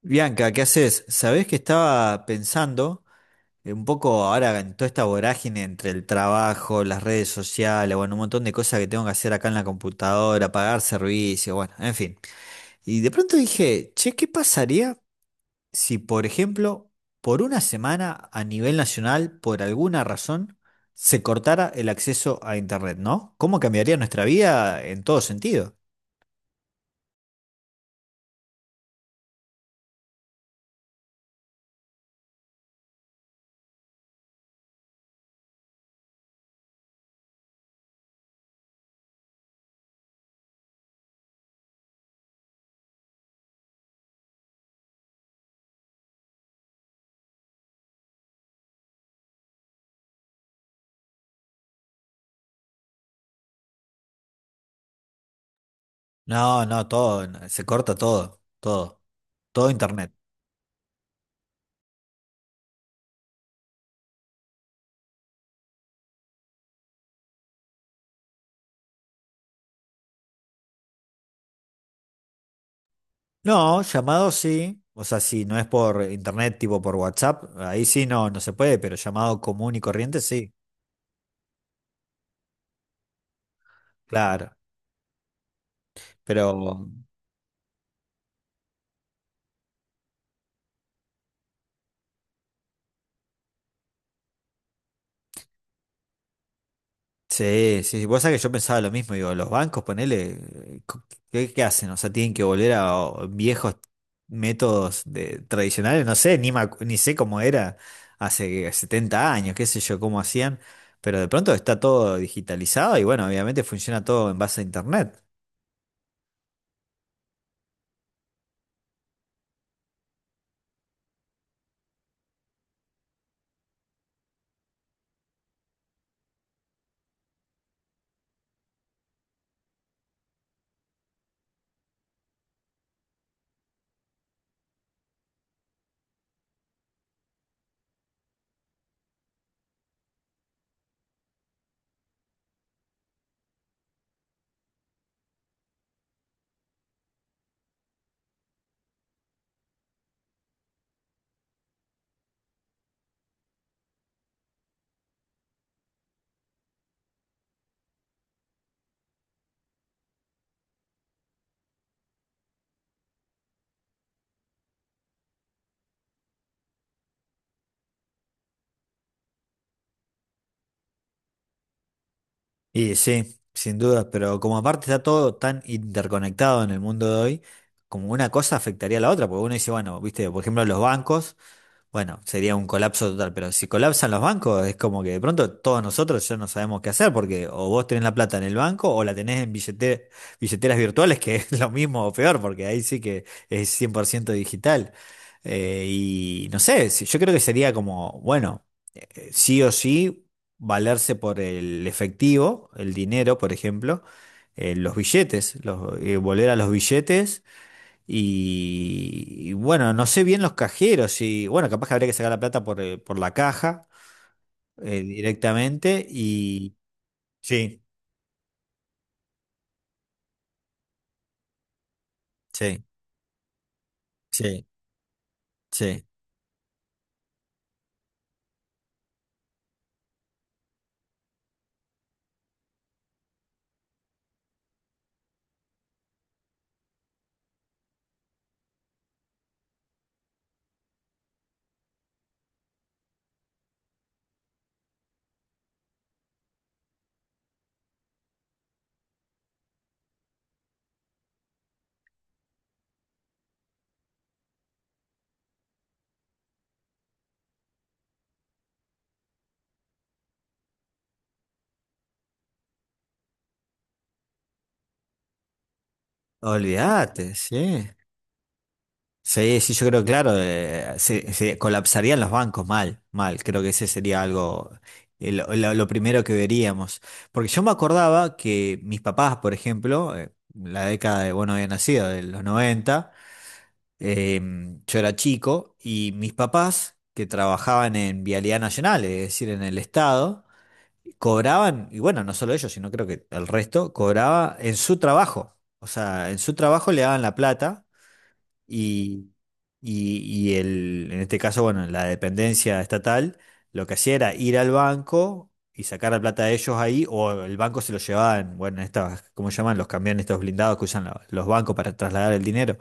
Bianca, ¿qué haces? Sabés que estaba pensando un poco ahora en toda esta vorágine entre el trabajo, las redes sociales, bueno, un montón de cosas que tengo que hacer acá en la computadora, pagar servicios, bueno, en fin. Y de pronto dije, che, ¿qué pasaría si, por ejemplo, por una semana a nivel nacional, por alguna razón, se cortara el acceso a Internet, ¿no? ¿Cómo cambiaría nuestra vida en todo sentido? No, no, todo, no, se corta todo, todo, todo Internet. No, llamado sí. O sea, si no es por internet, tipo por WhatsApp, ahí sí no, no se puede, pero llamado común y corriente sí, claro. Pero sí, sí, sí, vos sabés que yo pensaba lo mismo, digo, los bancos, ponele, eh, co- ¿qué hacen? O sea, tienen que volver a o, viejos métodos de, tradicionales, no sé, ni, me acu- ni sé cómo era hace 70 años, qué sé yo, cómo hacían, pero de pronto está todo digitalizado y bueno, obviamente funciona todo en base a internet. Y sí, sin duda, pero como aparte está todo tan interconectado en el mundo de hoy, como una cosa afectaría a la otra, porque uno dice, bueno, viste, por ejemplo, los bancos. Bueno, sería un colapso total, pero si colapsan los bancos, es como que de pronto todos nosotros ya no sabemos qué hacer, porque o vos tenés la plata en el banco o la tenés en billeteras virtuales, que es lo mismo o peor, porque ahí sí que es 100% digital. Y no sé, yo creo que sería como, bueno, sí o sí, valerse por el efectivo, el dinero, por ejemplo, los billetes, volver a los billetes y bueno, no sé bien los cajeros y bueno, capaz que habría que sacar la plata por la caja directamente y sí, sí, sí, sí. Olvídate, sí. Sí, sí, yo creo, claro, se colapsarían los bancos mal, mal. Creo que ese sería algo, lo primero que veríamos. Porque yo me acordaba que mis papás, por ejemplo, la década de, bueno, había nacido, de los 90. Yo era chico y mis papás, que trabajaban en Vialidad Nacional, es decir, en el Estado, cobraban, y bueno, no solo ellos, sino creo que el resto, cobraba en su trabajo. O sea, en su trabajo le daban la plata y, y, y el, en este caso, bueno, la dependencia estatal, lo que hacía era ir al banco y sacar la plata de ellos ahí, o el banco se lo llevaban, bueno, en bueno, estas, ¿cómo llaman? Los camiones, estos blindados que usan los bancos para trasladar el dinero.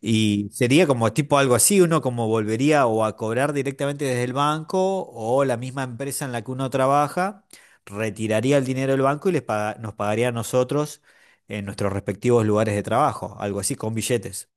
Y sería como tipo algo así, uno como volvería o a cobrar directamente desde el banco o la misma empresa en la que uno trabaja retiraría el dinero del banco y nos pagaría a nosotros en nuestros respectivos lugares de trabajo, algo así, con billetes.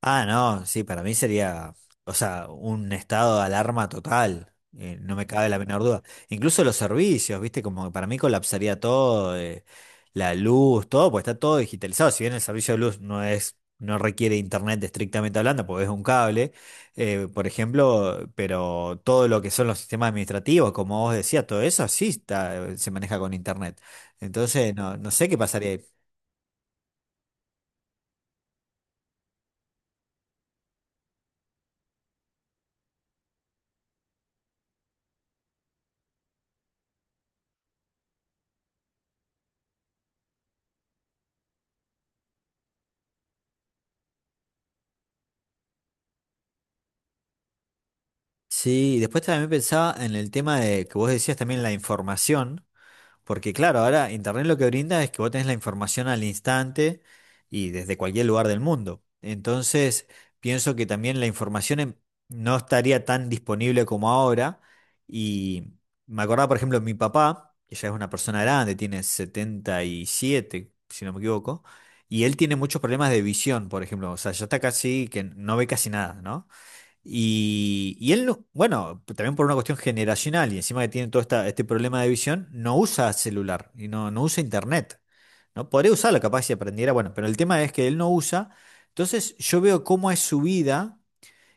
Ah, no, sí, para mí sería, o sea, un estado de alarma total, no me cabe la menor duda. Incluso los servicios, viste, como que para mí colapsaría todo, la luz, todo, pues está todo digitalizado. Si bien el servicio de luz no es, no requiere internet estrictamente hablando, porque es un cable, por ejemplo, pero todo lo que son los sistemas administrativos, como vos decías, todo eso sí está, se maneja con internet. Entonces, no, no sé qué pasaría. Sí, y después también pensaba en el tema de que vos decías también la información, porque claro, ahora Internet lo que brinda es que vos tenés la información al instante y desde cualquier lugar del mundo. Entonces, pienso que también la información no estaría tan disponible como ahora. Y me acordaba, por ejemplo, mi papá, que ya es una persona grande, tiene 77 si no me equivoco, y él tiene muchos problemas de visión, por ejemplo, o sea, ya está casi que no ve casi nada, ¿no? Y él, bueno, también por una cuestión generacional y encima que tiene todo esta, este problema de visión, no usa celular y no, no usa internet. ¿No? Podría usarlo capaz si aprendiera, bueno, pero el tema es que él no usa. Entonces yo veo cómo es su vida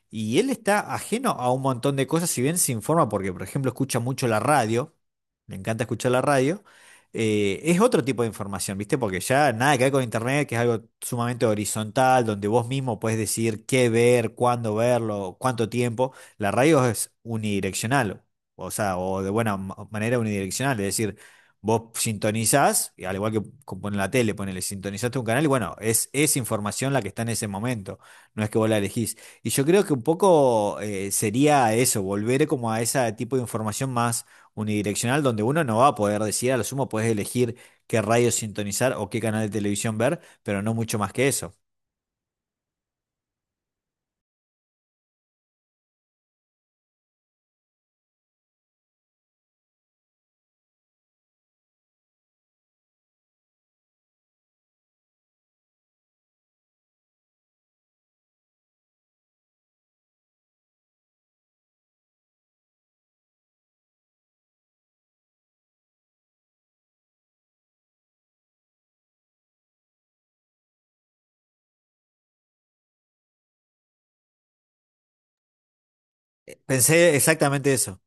y él está ajeno a un montón de cosas, si bien se informa, porque por ejemplo escucha mucho la radio, le encanta escuchar la radio, es otro tipo de información, ¿viste? Porque ya nada que ver con internet, que es algo sumamente horizontal, donde vos mismo puedes decir qué ver, cuándo verlo, cuánto tiempo. La radio es unidireccional, o sea, o de buena manera unidireccional, es decir, vos sintonizás, y al igual que con la tele, ponele, sintonizaste un canal y bueno, es información la que está en ese momento, no es que vos la elegís. Y yo creo que un poco sería eso, volver como a ese tipo de información más unidireccional, donde uno no va a poder decidir, a lo sumo puedes elegir qué radio sintonizar o qué canal de televisión ver, pero no mucho más que eso. Pensé exactamente eso.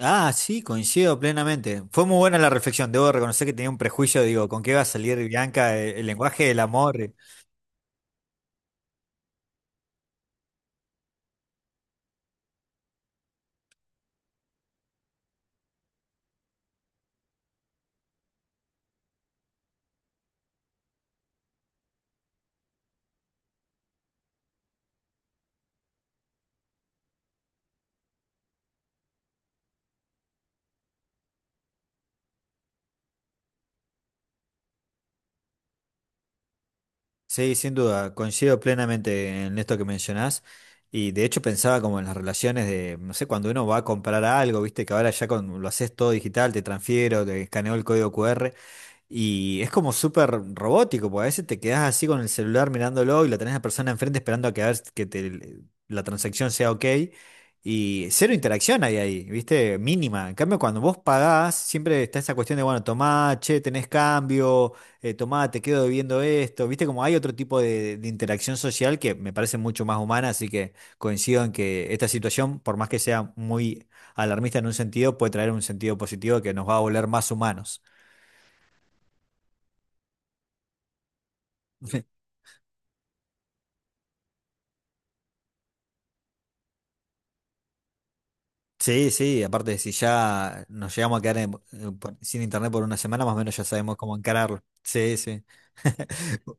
Ah, sí, coincido plenamente. Fue muy buena la reflexión, debo reconocer que tenía un prejuicio, digo, ¿con qué va a salir Bianca? El lenguaje del amor. Sí, sin duda, coincido plenamente en esto que mencionás. Y de hecho pensaba como en las relaciones de, no sé, cuando uno va a comprar algo, viste que ahora ya con, lo haces todo digital, te transfiero, te escaneo el código QR. Y es como súper robótico, porque a veces te quedás así con el celular mirándolo y la tenés a la persona enfrente esperando a que, a ver que la transacción sea ok. Y cero interacción hay ahí, ¿viste? Mínima. En cambio, cuando vos pagás, siempre está esa cuestión de, bueno, tomá, che, tenés cambio, tomá, te quedo debiendo esto. ¿Viste? Como hay otro tipo de interacción social que me parece mucho más humana, así que coincido en que esta situación, por más que sea muy alarmista en un sentido, puede traer un sentido positivo que nos va a volver más humanos. Sí, sí, aparte si ya nos llegamos a quedar sin internet por una semana, más o menos ya sabemos cómo encararlo. Sí, sí.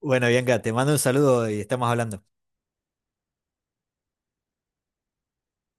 Bueno, Bianca, te mando un saludo y estamos hablando.